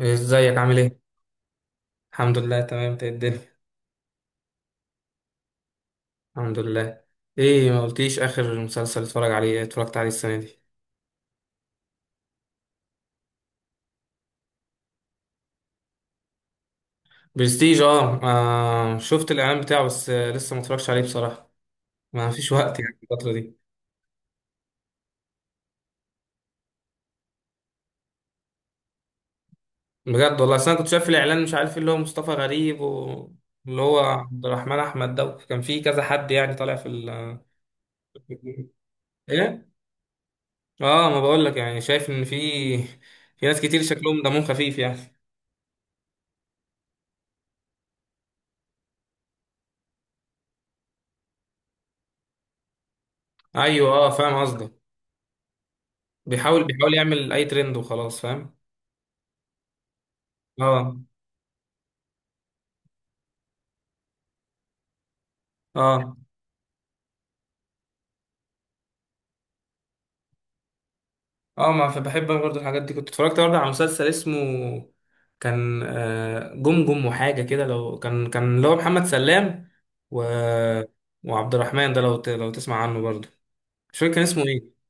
ازيك عامل ايه؟ الحمد لله تمام، انت ايه الدنيا؟ الحمد لله. ايه ما قلتليش اخر مسلسل اتفرج عليه اتفرجت عليه السنة دي؟ برستيج اه، آه شفت الاعلان بتاعه، بس لسه ما اتفرجتش عليه بصراحة. ما فيش وقت يعني الفترة دي. بجد والله، اصل انا كنت شايف الاعلان، مش عارف ايه اللي هو مصطفى غريب واللي هو عبد الرحمن احمد ده، كان في كذا حد يعني طالع في ال... ايه؟ اه ما بقول لك يعني شايف ان في ناس كتير شكلهم دمهم خفيف يعني. ايوه اه فاهم قصدك. بيحاول يعمل اي ترند وخلاص، فاهم. اه اه اه. ما فبحب انا برضه الحاجات دي، كنت اتفرجت برضه على مسلسل اسمه كان جمجم وحاجه كده، لو كان اللي هو محمد سلام و... وعبد الرحمن ده لو لو تسمع عنه برضه. مش فاكر كان اسمه ايه.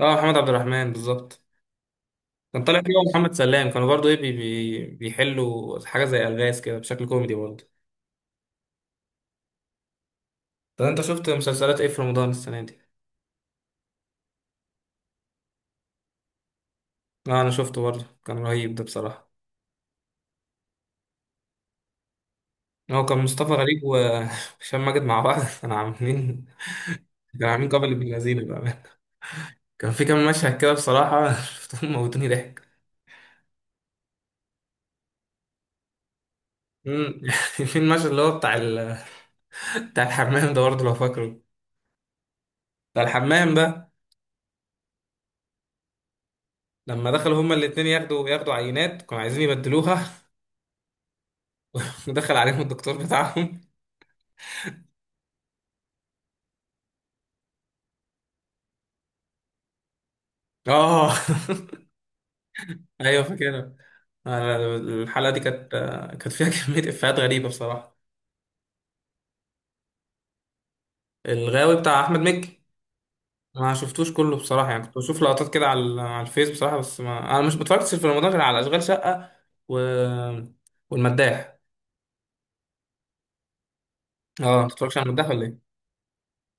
اه محمد عبد الرحمن بالظبط. كان طالع فيه هو محمد سلام، كانوا برضه ايه بيحلوا حاجه زي الغاز كده بشكل كوميدي برضه. طب انت شفت مسلسلات ايه في رمضان السنه دي؟ اه انا شفته برضه، كان رهيب ده بصراحه. هو كان مصطفى غريب وهشام ماجد مع بعض كانوا عاملين. كانوا عاملين قبل ابن لذينه بقى. كان في كام مشهد كده بصراحة، شفتهم موتوني ضحك. أمم، يعني في المشهد اللي هو بتاع ال... بتاع الحمام ده برضه لو فاكره. بتاع الحمام ده، لما دخلوا هما الاتنين ياخدوا عينات، كانوا عايزين يبدلوها ودخل عليهم الدكتور بتاعهم. اه ايوه فاكرها. أنا الحلقة دي كانت، كانت فيها كمية إفيهات غريبة بصراحة. الغاوي بتاع أحمد مكي؟ ما شفتوش كله بصراحة يعني، كنت بشوف لقطات كده على على الفيس بصراحة، بس ما أنا مش متفرجتش في رمضان غير على أشغال شقة و... والمداح. اه متفرجش على المداح ولا إيه؟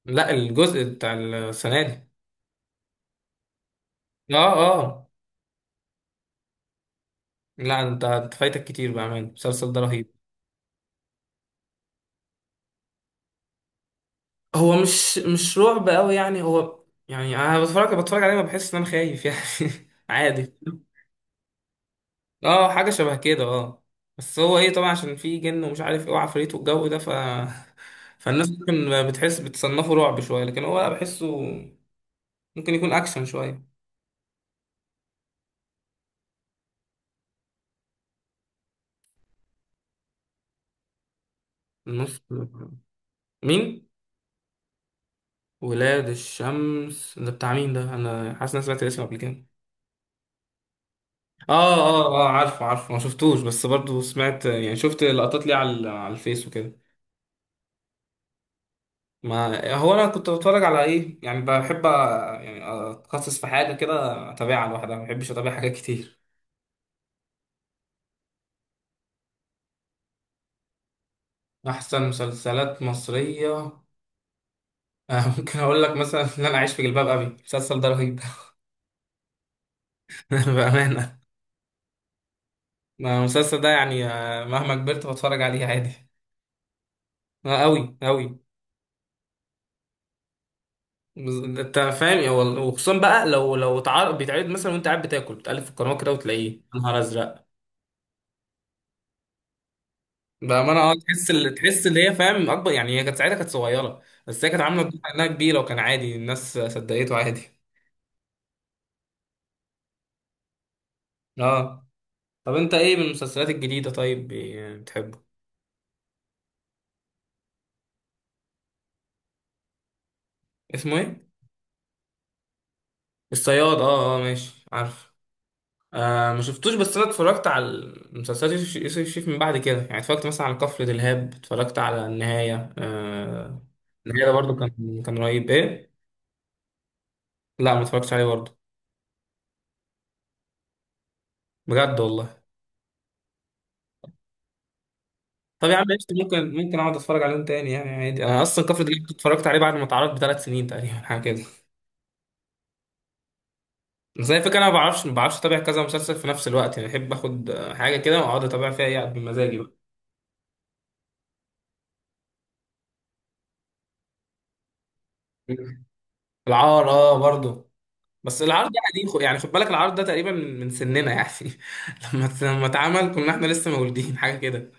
لا الجزء بتاع السنة دي. اه اه. لا أنت فايتك كتير، بأمانة المسلسل ده رهيب. هو مش رعب قوي يعني، هو يعني أنا بتفرج عليه ما بحس إن أنا خايف يعني. عادي. اه حاجة شبه كده اه. بس هو ايه طبعا عشان في جن، ومش عارف ايه وعفاريت والجو ده، ف فالناس ممكن بتحس بتصنفه رعب شوية، لكن هو لا بحسه ممكن يكون اكشن شوية. النص؟ مين؟ ولاد الشمس ده بتاع مين ده؟ انا حاسس إن أنا سمعت الاسم قبل كده. اه اه اه عارفه عارفه، ما شفتوش بس برضو سمعت يعني، شفت لقطات ليه على الفيس وكده. ما هو انا كنت بتفرج على ايه يعني، بحب يعني اتخصص في حاجه كده، اتابعها لوحدها. ما بحبش اتابع حاجات كتير. أحسن مسلسلات مصرية؟ ممكن أقول لك مثلا إن أنا أعيش في جلباب أبي، المسلسل ده رهيب. بأمانة. ما المسلسل ده يعني مهما كبرت بتفرج عليه عادي. آه، أوي أوي. أنت فاهم يا وخصوصا بقى لو اتعرض بيتعرض مثلا وأنت قاعد بتاكل بتقلب في القناة كده وتلاقيه، يا نهار أزرق. بأمانة أه تحس اللي، تحس اللي هي فاهم أكبر يعني، هي كانت ساعتها كانت صغيرة بس هي كانت عاملة الدور إنها كبيرة، وكان عادي الناس صدقته عادي. أه. طب أنت إيه من المسلسلات الجديدة طيب بتحبه؟ اسمه إيه؟ الصياد اه اه ماشي عارف. آه ما شفتوش، بس انا اتفرجت على المسلسلات يوسف الشريف من بعد كده يعني، اتفرجت مثلا على كفر دلهاب، اتفرجت على النهاية آه. النهاية ده برضه كان رهيب ايه. لا ما اتفرجتش عليه برضه. بجد والله. طب يا عم قشطة، ممكن اقعد اتفرج عليهم تاني يعني عادي، انا اصلا كفر دلهاب كنت اتفرجت عليه بعد ما اتعرض بثلاث سنين تقريبا حاجه كده. بس هي الفكره انا ما بعرفش اتابع كذا مسلسل في نفس الوقت يعني، بحب اخد حاجه كده واقعد اتابع فيها يعني، بمزاجي بقى. مم. العار اه برضه. بس العرض ده قديم يعني خد بالك العرض ده تقريبا من سننا يعني، لما لما اتعمل كنا احنا لسه مولودين حاجه كده.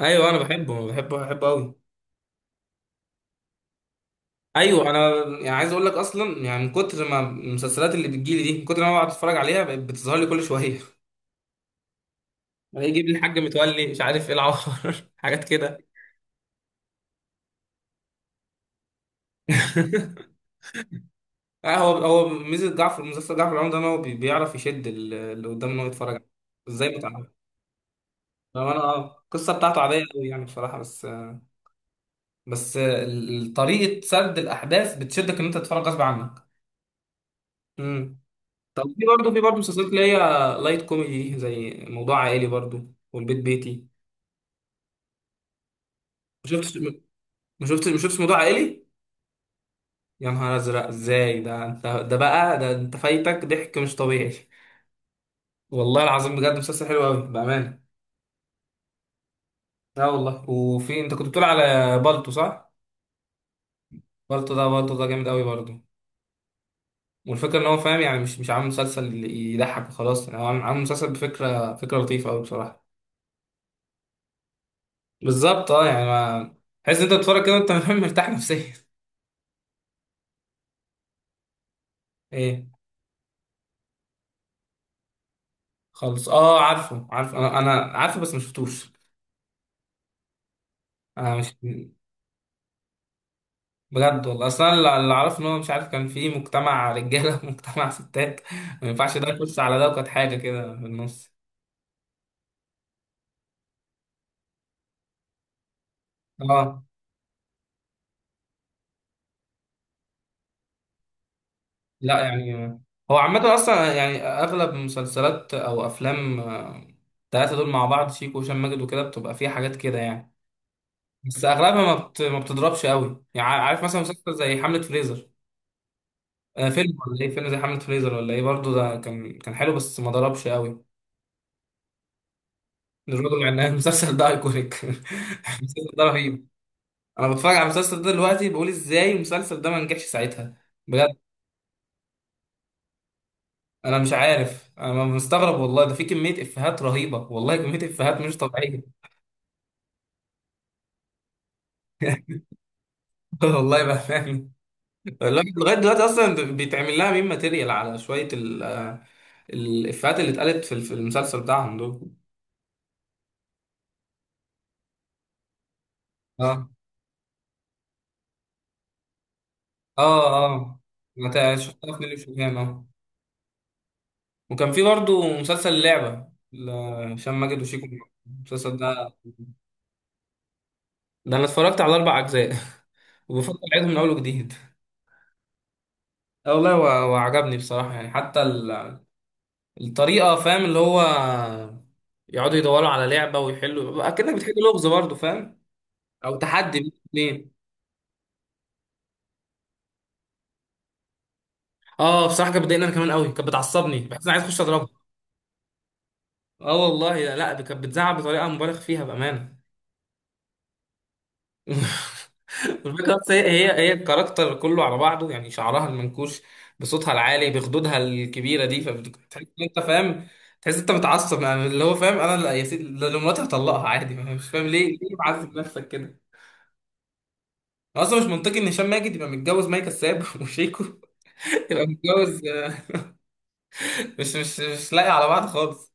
ايوه انا بحبه بحبه قوي. ايوه انا يعني عايز اقول لك اصلا يعني، من كتر ما المسلسلات اللي بتجيلي دي، من كتر ما أنا بقعد اتفرج عليها، بقت بتظهر لي كل شويه. الاقي يجيب لي الحاج متولي، مش عارف ايه العوار، حاجات كده. آه، هو ميزه جعفر، مسلسل جعفر العمدة، ان هو بيعرف يشد اللي قدامه ان هو يتفرج عليه. ازاي متعود. لو انا القصه بتاعته عاديه قوي يعني بصراحه، بس طريقة سرد الأحداث بتشدك إن أنت تتفرج غصب عنك. امم. طب في برضه، في برضه مسلسلات اللي هي لايت كوميدي، زي موضوع عائلي برضه والبيت بيتي. ما شفتش ما شفتش ما شفتش موضوع عائلي. يا نهار أزرق إزاي ده، أنت ده بقى ده أنت فايتك ضحك مش طبيعي. والله العظيم بجد مسلسل حلو أوي بأمانة. لا والله. وفي أنت كنت بتقول على بالتو صح؟ بالتو ده جامد أوي برضه. والفكرة إن هو فاهم يعني، مش عامل مسلسل يضحك وخلاص يعني، هو عامل مسلسل بفكرة، فكرة لطيفة أوي بصراحة. بالظبط اه يعني، ما تحس إن انت بتتفرج كده وانت مرتاح نفسيا. ايه؟ خالص اه عارفه، عارف انا عارفه بس ما شفتوش. انا مش. بجد والله اصلا اللي اعرفه ان هو مش عارف، كان في مجتمع رجاله ومجتمع ستات، ما ينفعش ده يخش على ده، وكانت حاجه كده في النص. اه لا يعني، هو عامه اصلا يعني اغلب مسلسلات او افلام التلاته دول مع بعض، شيكو وهشام ماجد وكده، بتبقى فيها حاجات كده يعني. بس اغلبها ما بتضربش قوي يعني، عارف مثلا مسلسل زي حملة فريزر. فيلم ولا ايه، فيلم زي حملة فريزر ولا ايه برضه ده كان حلو بس ما ضربش قوي. الراجل مع ان المسلسل ده ايكونيك. المسلسل ده رهيب. انا بتفرج على المسلسل ده دلوقتي، بقول ازاي المسلسل ده ما نجحش ساعتها، بجد. انا مش عارف، انا مستغرب والله، ده في كمية افيهات رهيبة والله، كمية افيهات مش طبيعية. والله بأمانة. الواحد لغاية دلوقتي أصلا بيتعمل لها ميم ماتيريال، على شوية الإفيهات اللي اتقالت في المسلسل بتاعهم دول. اه اه اه. ما تع- شفتها في نيلي وشوفان اه. وكان في برضه مسلسل لعبة هشام ماجد وشيكو، المسلسل ده. ده أنا اتفرجت على أربع أجزاء، وبفكر أعيده من أول وجديد. آه والله، وعجبني بصراحة يعني، حتى الطريقة، فاهم اللي هو، يقعدوا يدوروا على لعبة ويحلوا أكنك بتحل لغز برضه فاهم. أو تحدي بين اتنين. اه بصراحة كانت بتضايقني أنا كمان قوي، كانت بتعصبني، بحس إن أنا عايز أخش أضربها. اه والله. لا لا، دي كانت بتزعق بطريقة مبالغ فيها بأمانة. الفكرة بس هي، هي الكاركتر كله على بعضه يعني، شعرها المنكوش بصوتها العالي بخدودها الكبيرة دي، فبتحس ان انت فاهم، تحس انت متعصب يعني، اللي هو فاهم، انا لا يا سيدي، ده لو مراتي هطلقها عادي، ما مش فاهم ليه معذب نفسك كده. اصلا مش منطقي ان هشام ماجد يبقى متجوز مي كساب، وشيكو يبقى متجوز مش مش لاقي على بعض خالص.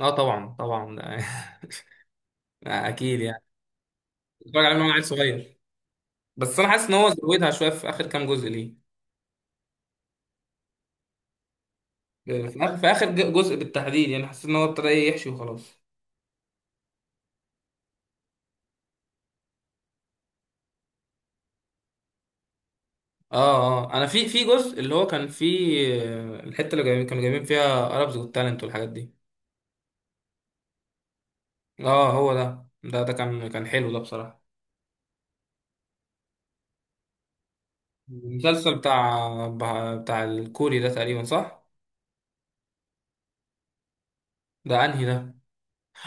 اه طبعا. اكيد يعني. اتفرج عليه من وانا عيل صغير. بس انا حاسس ان هو زودها شويه في اخر كام جزء ليه. في آخر، في آخر جزء بالتحديد يعني، حسيت إن هو ابتدى إيه يحشي وخلاص. آه آه. أنا في جزء اللي هو كان فيه الحتة اللي جايبين، كانوا جايبين فيها أرابز والتالنت والحاجات دي. آه هو ده، ده كان حلو ده بصراحة. المسلسل بتاع، بتاع الكوري ده تقريبا صح؟ ده أنهي ده؟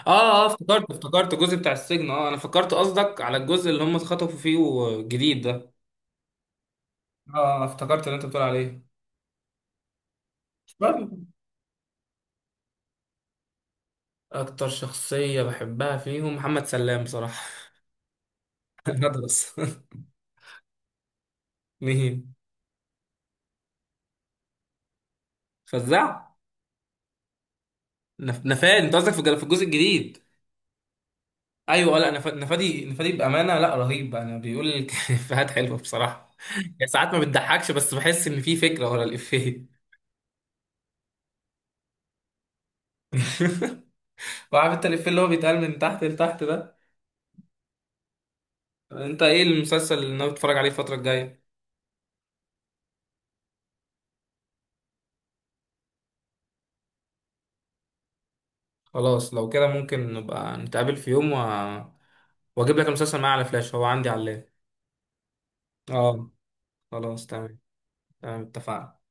آه آه افتكرت، افتكرت الجزء بتاع السجن، آه أنا فكرت قصدك على الجزء اللي هم اتخطفوا فيه الجديد ده. آه افتكرت اللي أنت بتقول عليه. برضه، أكتر شخصية بحبها فيهم محمد سلام بصراحة. هدرس. مين؟ فزاع. نفاد، انت قصدك في في الجزء الجديد؟ ايوه لا، نفادي. نفادي بامانه لا رهيب، انا بيقول الافيهات حلوه بصراحه يعني، ساعات ما بتضحكش بس بحس ان في فكره ورا الافيه. وعارف انت الافيه اللي هو بيتقال من تحت لتحت ده. انت ايه المسلسل اللي انا بتفرج عليه الفتره الجايه؟ خلاص لو كده ممكن نبقى نتقابل في يوم و... واجيب لك المسلسل معايا على فلاش، هو عندي على اللاب. اه خلاص تمام. تمام اتفقنا.